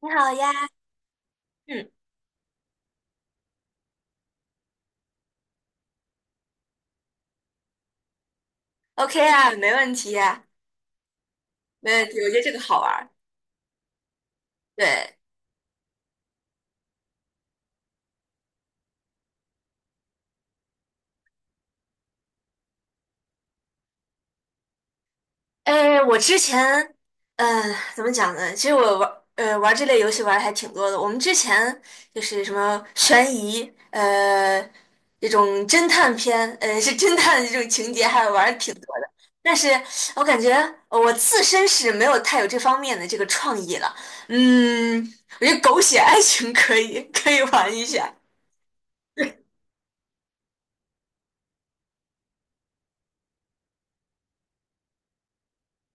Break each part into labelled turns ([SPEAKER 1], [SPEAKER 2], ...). [SPEAKER 1] 你好呀，嗯，OK 啊，没问题呀，没问题，我觉得这个好玩儿。对，哎，我之前，怎么讲呢？其实我玩，玩这类游戏玩的还挺多的。我们之前就是什么悬疑，这种侦探片，是侦探的这种情节，还玩的挺多的。但是我感觉我自身是没有太有这方面的这个创意了。嗯，我觉得狗血爱情可以，可以玩一下。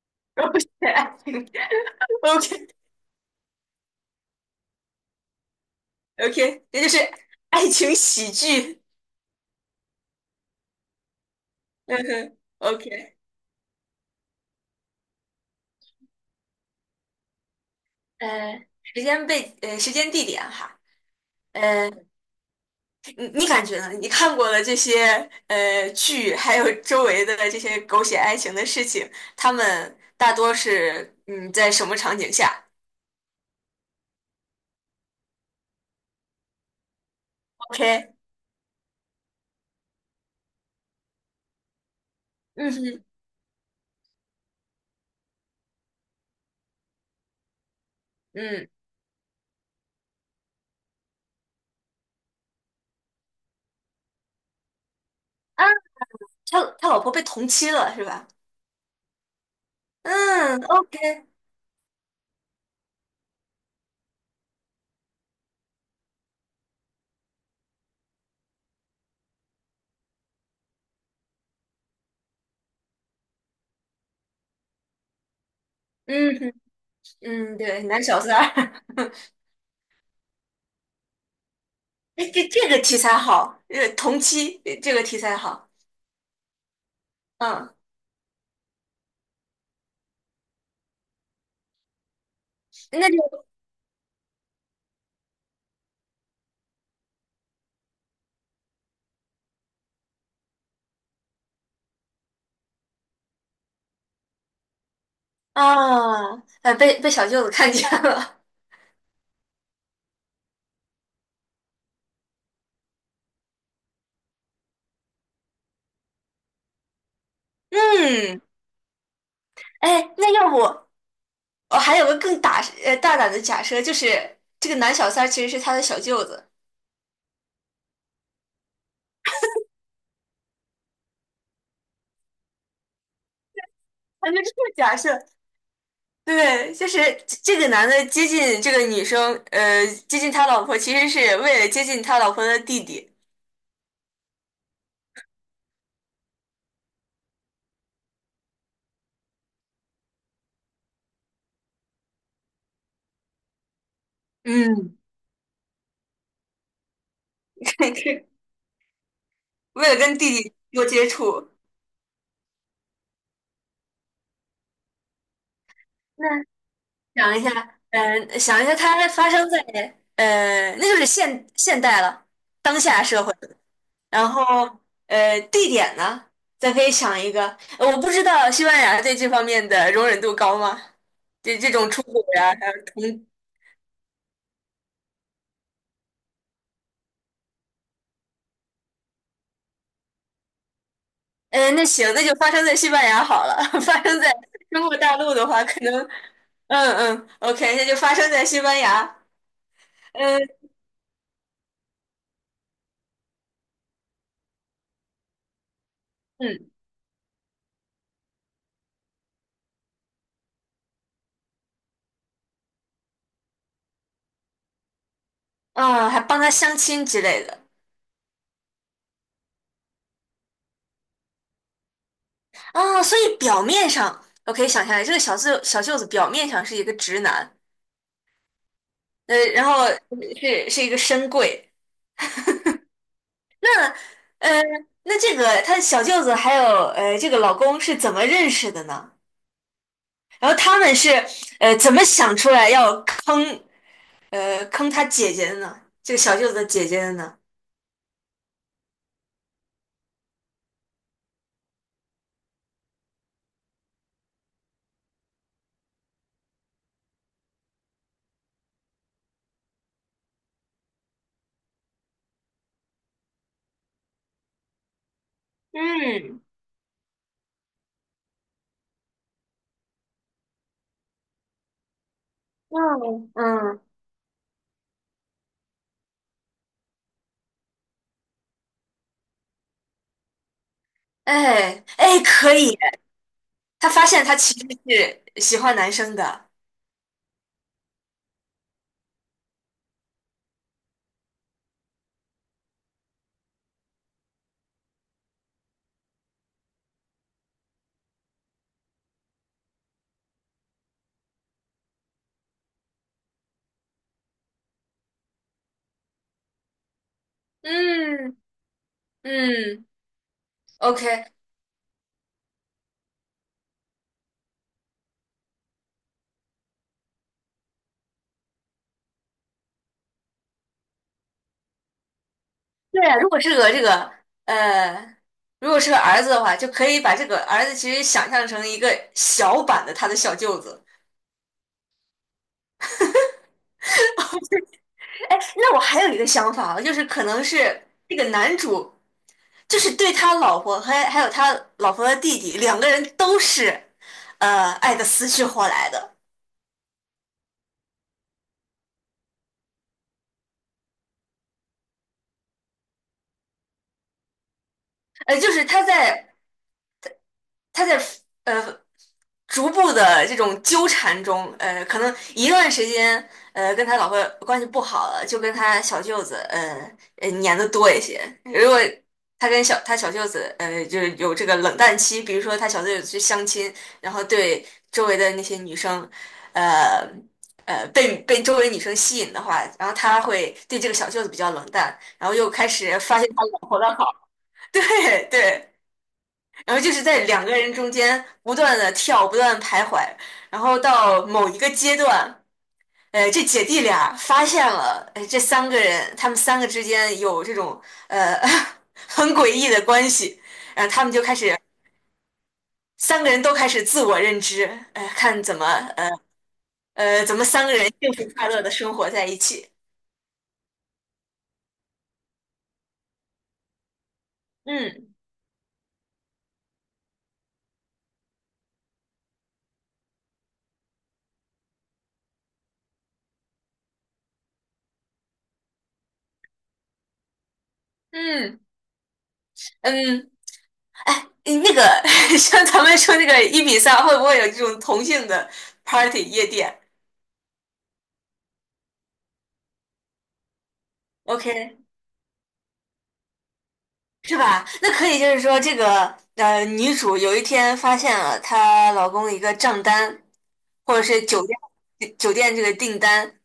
[SPEAKER 1] 狗血爱情 ，OK。OK，这就是爱情喜剧。嗯哼，OK，时间地点哈，呃，你感觉呢？你看过的这些剧，还有周围的这些狗血爱情的事情，他们大多是在什么场景下？OK，嗯哼，嗯。啊，他老婆被同妻了是吧？嗯，OK，嗯哼，嗯，对，男小三儿，哎，这个题材好，同妻这个题材好。嗯，那就。啊，被小舅子看见了。嗯，哎，那要不我还有个更大大胆的假设，就是这个男小三儿其实是他的小舅子。啊，就这个假设，对，就是这个男的接近这个女生，接近他老婆，其实是为了接近他老婆的弟弟，嗯。为了跟弟弟多接触。那想一下，想一下，他发生在那就是现代了，当下社会。然后地点呢，咱可以想一个，我不知道西班牙对这方面的容忍度高吗？就这种出轨啊，还有同，那行，那就发生在西班牙好了。发生在中国大陆的话，可能，嗯嗯，OK，那就发生在西班牙。嗯嗯。啊，还帮他相亲之类的。啊，所以表面上我可以想象，这个小舅子表面上是一个直男，然后是一个深柜。呃，那这个他小舅子还有这个老公是怎么认识的呢？然后他们是怎么想出来要坑坑他姐姐的呢？这个小舅子的姐姐的呢？嗯嗯嗯，哎哎，可以，他发现他其实是喜欢男生的。嗯嗯，OK，对啊，如果是个这个呃，如果是个儿子的话，就可以把这个儿子其实想象成一个小版的他的小舅子。哎，那我还有一个想法啊，就是可能是这个男主，就是对他老婆还有他老婆的弟弟两个人都是，爱的死去活来的。就是他在他在呃逐步的这种纠缠中，可能一段时间，跟他老婆关系不好了，就跟他小舅子，粘的多一些。如果他跟他小舅子，就是有这个冷淡期，比如说他小舅子去相亲，然后对周围的那些女生，呃，被周围女生吸引的话，然后他会对这个小舅子比较冷淡，然后又开始发现他老婆的好，对对。然后就是在两个人中间不断的跳，不断地徘徊，然后到某一个阶段，这姐弟俩发现了，这三个人他们三个之间有这种呃 很诡异的关系，然后他们就开始三个人都开始自我认知，看怎么呃怎么三个人幸福快乐的生活在一起。嗯嗯嗯，哎，那个 像咱们说那个一比三，会不会有这种同性的 party 夜店？OK，是吧？那可以，就是说，这个女主有一天发现了她老公一个账单，或者是酒店这个订单，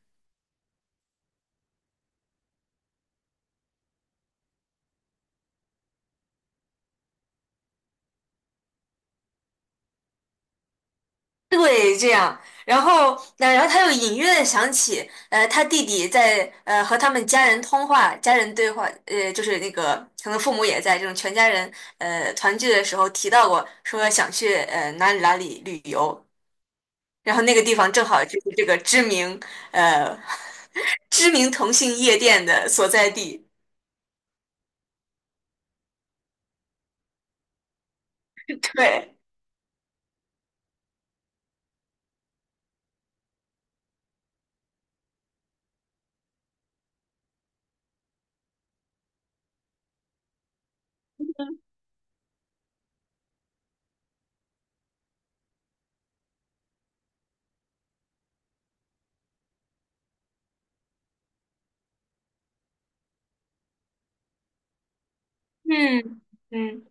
[SPEAKER 1] 对，这样。然后，那然后她又隐约的想起，她弟弟在和他们家人通话，家人对话，就是那个可能父母也在这种全家人团聚的时候提到过，说想去哪里哪里旅游。然后那个地方正好就是这个知名呃 知名同性夜店的所在地。对，嗯嗯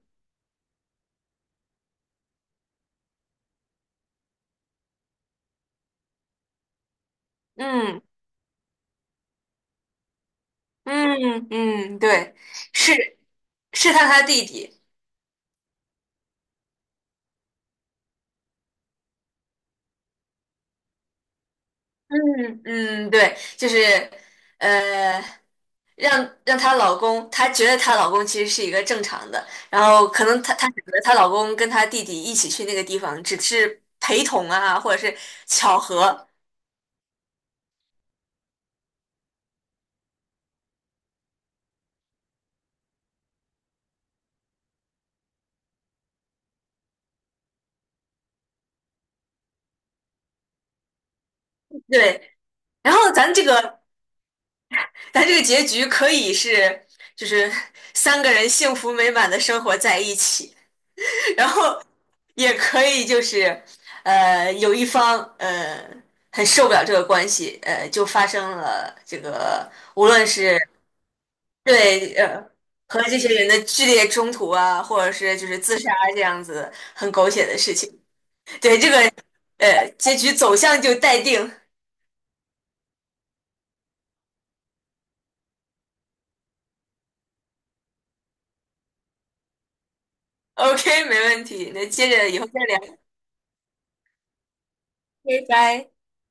[SPEAKER 1] 嗯嗯嗯，对，是他弟弟。嗯嗯，对，就是呃，让让她老公，她觉得她老公其实是一个正常的，然后可能她选择她老公跟她弟弟一起去那个地方，只是陪同啊，或者是巧合。对，然后咱这个。但这个结局可以是，就是 三个人幸福美满的生活在一起，然后也可以就是，有一方很受不了这个关系，就发生了这个，无论是对和这些人的剧烈冲突啊，或者是就是自杀这样子很狗血的事情，对这个结局走向就待定。OK，没问题，那接着以后再聊，拜拜。